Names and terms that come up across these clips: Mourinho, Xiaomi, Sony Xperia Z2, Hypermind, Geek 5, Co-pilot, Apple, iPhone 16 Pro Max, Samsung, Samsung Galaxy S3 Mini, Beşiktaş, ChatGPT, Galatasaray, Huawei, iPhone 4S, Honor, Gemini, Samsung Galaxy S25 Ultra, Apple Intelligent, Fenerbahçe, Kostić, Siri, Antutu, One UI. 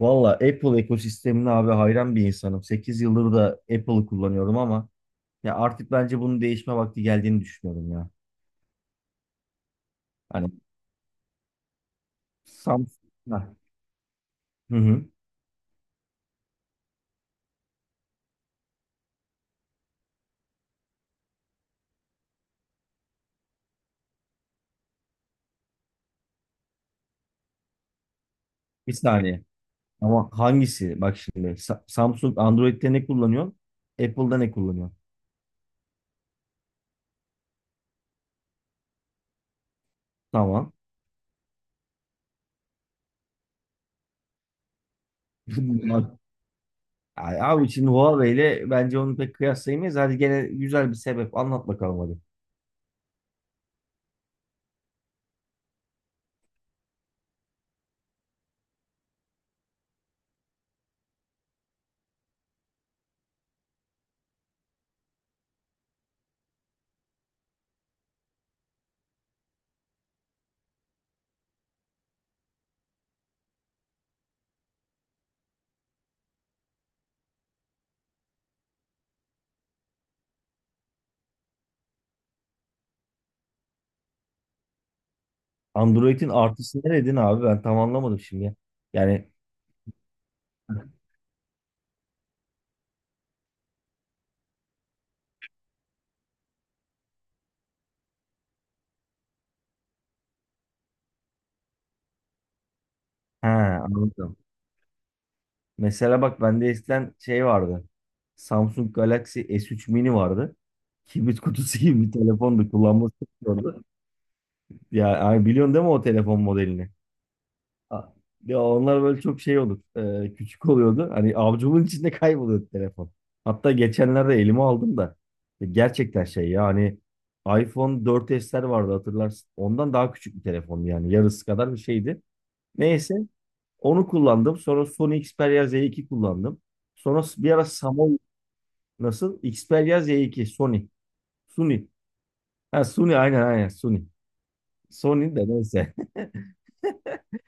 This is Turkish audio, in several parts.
Valla Apple ekosistemine abi hayran bir insanım. 8 yıldır da Apple'ı kullanıyorum ama ya artık bence bunun değişme vakti geldiğini düşünüyorum ya. Hani. Samsung. Ha, hı hı. Bir saniye. Ama hangisi? Bak şimdi Samsung Android'de ne kullanıyor? Apple'da ne kullanıyor? Tamam. Bak, ay abi, şimdi Huawei ile bence onu pek kıyaslayamayız. Hadi gene güzel bir sebep anlat bakalım hadi. Android'in artısı neredin abi? Ben tam anlamadım şimdi. Yani. He, anladım. Mesela bak bende eskiden şey vardı. Samsung Galaxy S3 Mini vardı. Kibrit kutusu gibi bir telefondu. Kullanması çok zordu. Ya yani biliyorsun değil mi o telefon modelini? A- Ya onlar böyle çok şey olur. Küçük oluyordu. Hani avcumun içinde kayboluyordu telefon. Hatta geçenlerde elime aldım da. Gerçekten şey ya hani iPhone 4S'ler vardı, hatırlarsın. Ondan daha küçük bir telefon yani. Yarısı kadar bir şeydi. Neyse, onu kullandım. Sonra Sony Xperia Z2 kullandım. Sonra bir ara Samsung, nasıl? Xperia Z2 Sony. Sony. Ha, Sony aynen aynen Sony. Sony de neyse.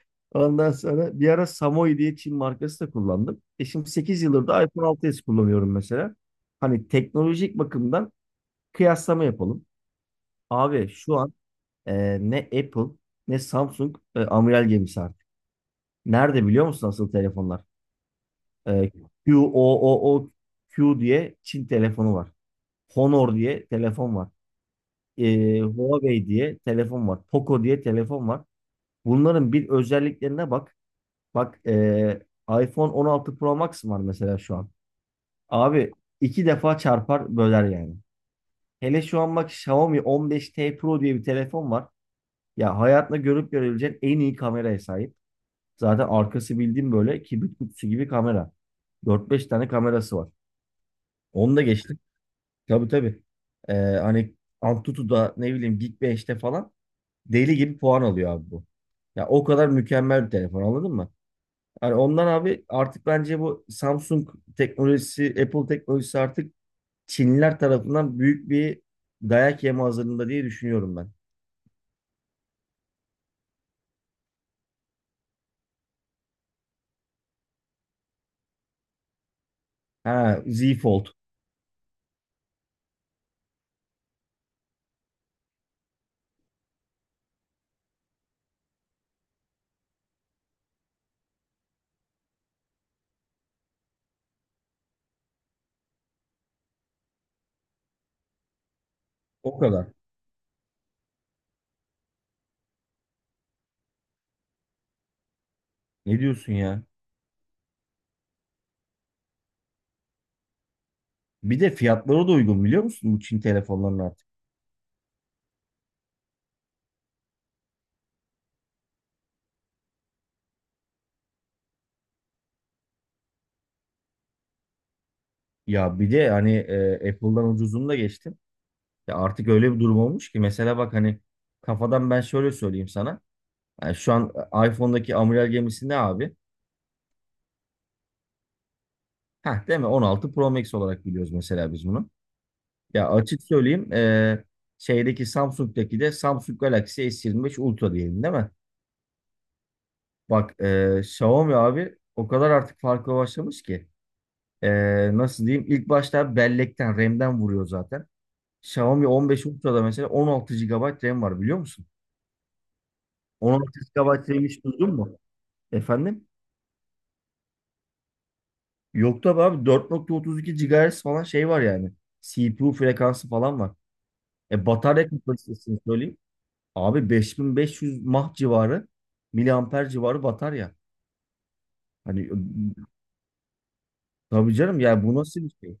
Ondan sonra bir ara Samoy diye Çin markası da kullandım. E, şimdi 8 yıldır da iPhone 6s kullanıyorum mesela. Hani teknolojik bakımdan kıyaslama yapalım. Abi şu an ne Apple ne Samsung amiral gemisi artık. Nerede biliyor musun asıl telefonlar? E, QOOQ diye Çin telefonu var. Honor diye telefon var. E, Huawei diye telefon var. Poco diye telefon var. Bunların bir özelliklerine bak. Bak iPhone 16 Pro Max var mesela şu an. Abi 2 defa çarpar böler yani. Hele şu an bak Xiaomi 15T Pro diye bir telefon var. Ya hayatında görüp görebileceğin en iyi kameraya sahip. Zaten arkası bildiğim böyle kibrit kutusu gibi kamera. Dört beş tane kamerası var. Onu da geçtim. Tabii tabii. Hani Antutu'da ne bileyim, Geek 5'te falan deli gibi puan alıyor abi bu. Ya o kadar mükemmel bir telefon, anladın mı? Hani ondan abi artık bence bu Samsung teknolojisi, Apple teknolojisi artık Çinliler tarafından büyük bir dayak yeme hazırlığında diye düşünüyorum ben. Ha, Z Fold. O kadar. Ne diyorsun ya? Bir de fiyatları da uygun, biliyor musun bu Çin telefonlarının artık? Ya bir de hani Apple'dan ucuzunu da geçtim. Ya artık öyle bir durum olmuş ki, mesela bak hani kafadan ben şöyle söyleyeyim sana. Yani şu an iPhone'daki amiral gemisi ne abi? Heh, değil mi? 16 Pro Max olarak biliyoruz mesela biz bunu. Ya açık söyleyeyim, şeydeki Samsung'daki de Samsung Galaxy S25 Ultra diyelim değil mi? Bak Xiaomi abi o kadar artık farklı başlamış ki. Nasıl diyeyim? İlk başta bellekten RAM'den vuruyor zaten. Xiaomi 15 Ultra'da mesela 16 gigabayt RAM var biliyor musun? 16 gigabayt RAM hiç duydun mu? Efendim? Yok tabii abi, 4,32 GHz falan şey var yani. CPU frekansı falan var. E, batarya kapasitesini söyleyeyim. Abi 5.500 mAh civarı, miliamper civarı batarya. Hani tabii canım, yani bu nasıl bir şey?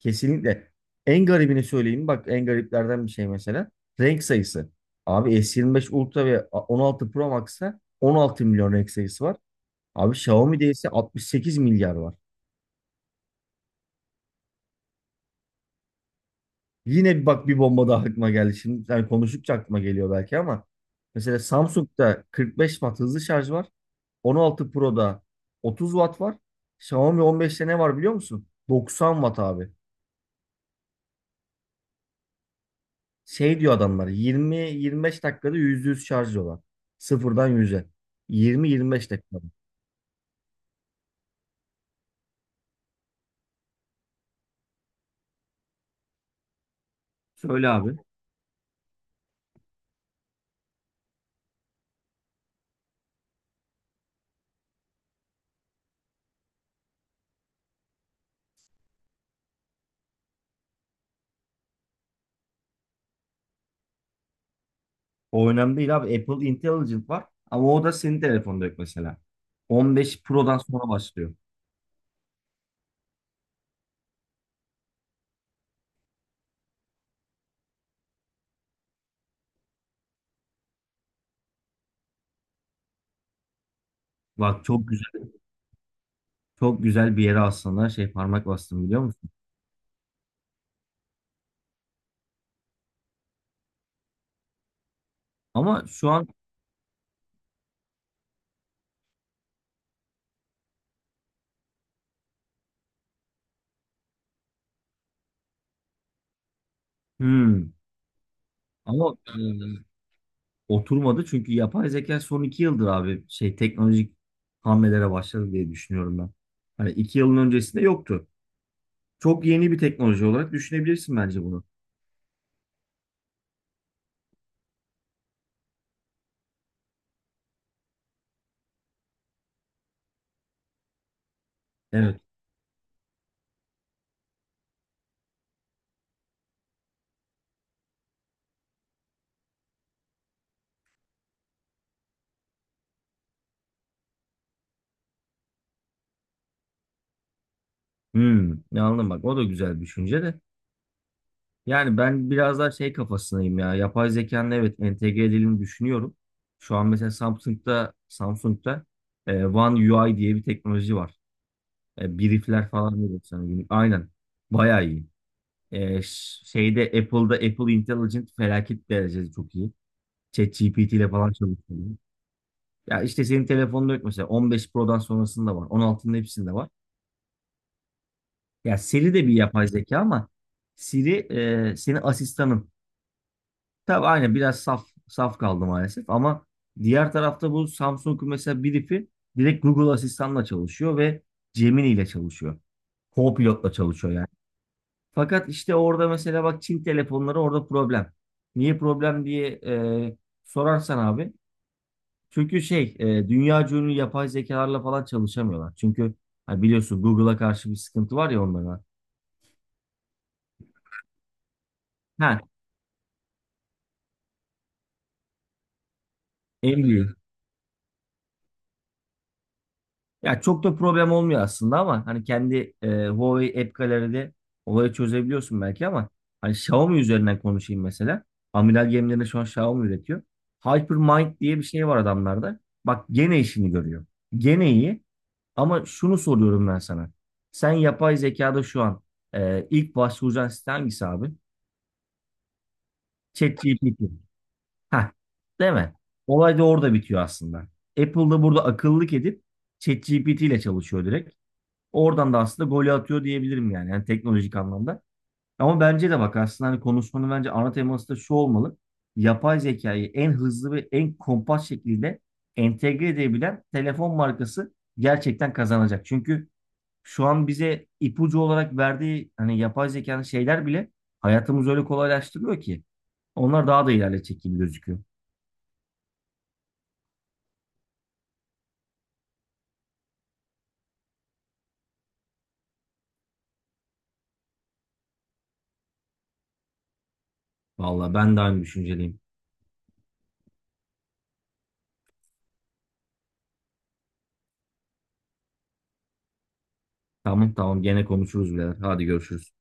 Kesinlikle. En garibini söyleyeyim. Bak en gariplerden bir şey mesela. Renk sayısı. Abi S25 Ultra ve 16 Pro Max'ta 16 milyon renk sayısı var. Abi Xiaomi'de ise 68 milyar var. Yine bir bak, bir bomba daha aklıma geldi. Şimdi, yani konuştukça aklıma geliyor belki ama mesela Samsung'da 45 watt hızlı şarj var. 16 Pro'da 30 watt var. Xiaomi 15'te ne var biliyor musun? 90 watt abi. Şey diyor adamlar, 20-25 dakikada %100 şarj diyorlar. Sıfırdan 100'e. 20-25 dakikada. Söyle abi. O önemli değil abi. Apple Intelligent var ama o da senin telefonda yok mesela. 15 Pro'dan sonra başlıyor. Bak, çok güzel. Çok güzel bir yere aslında şey parmak bastım, biliyor musun? Ama şu an hmm, ama e, oturmadı çünkü yapay zeka son 2 yıldır abi şey teknolojik hamlelere başladı diye düşünüyorum ben. Hani 2 yılın öncesinde yoktu. Çok yeni bir teknoloji olarak düşünebilirsin bence bunu. Evet. Ne anladım bak, o da güzel bir düşünce de. Yani ben biraz daha şey kafasındayım ya. Yapay zekanın evet entegre edildiğini düşünüyorum. Şu an mesela Samsung'da One UI diye bir teknoloji var. E, briefler falan veriyor sana günlük. Aynen. Bayağı iyi. E, ş- şeyde Apple'da Apple Intelligent felaket derecede çok iyi. ChatGPT ile falan çalışıyor. Ya işte senin telefonunda yok mesela. 15 Pro'dan sonrasında var. 16'nın hepsinde var. Ya Siri de bir yapay zeka ama Siri, senin asistanın. Tabii aynen, biraz saf saf kaldı maalesef ama diğer tarafta bu Samsung'un mesela brief'i direkt Google asistanla çalışıyor ve Gemini ile çalışıyor. Co-pilotla çalışıyor yani. Fakat işte orada mesela bak, Çin telefonları orada problem. Niye problem diye sorarsan abi. Çünkü dünya ünlü yapay zekalarla falan çalışamıyorlar. Çünkü ha biliyorsun Google'a karşı bir sıkıntı var ya onlara. Ha, en büyük. Ya çok da problem olmuyor aslında ama hani kendi Huawei App Gallery'de olayı çözebiliyorsun belki ama hani Xiaomi üzerinden konuşayım mesela. Amiral gemilerini şu an Xiaomi üretiyor. Hypermind diye bir şey var adamlarda. Bak gene işini görüyor. Gene iyi. Ama şunu soruyorum ben sana. Sen yapay zekada şu an ilk başvuracağın site hangisi abi? ChatGPT. Heh, değil mi? Olay da orada bitiyor aslında. Apple'da burada akıllılık edip ChatGPT ile çalışıyor direkt. Oradan da aslında golü atıyor diyebilirim yani. Yani teknolojik anlamda. Ama bence de bak aslında hani konuşmanın bence ana teması da şu olmalı. Yapay zekayı en hızlı ve en kompakt şekilde entegre edebilen telefon markası gerçekten kazanacak. Çünkü şu an bize ipucu olarak verdiği hani yapay zekanın şeyler bile hayatımızı öyle kolaylaştırıyor ki. Onlar daha da ilerletecek gibi gözüküyor. Vallahi ben de aynı düşünceliyim. Tamam tamam, gene konuşuruz birader. Hadi görüşürüz.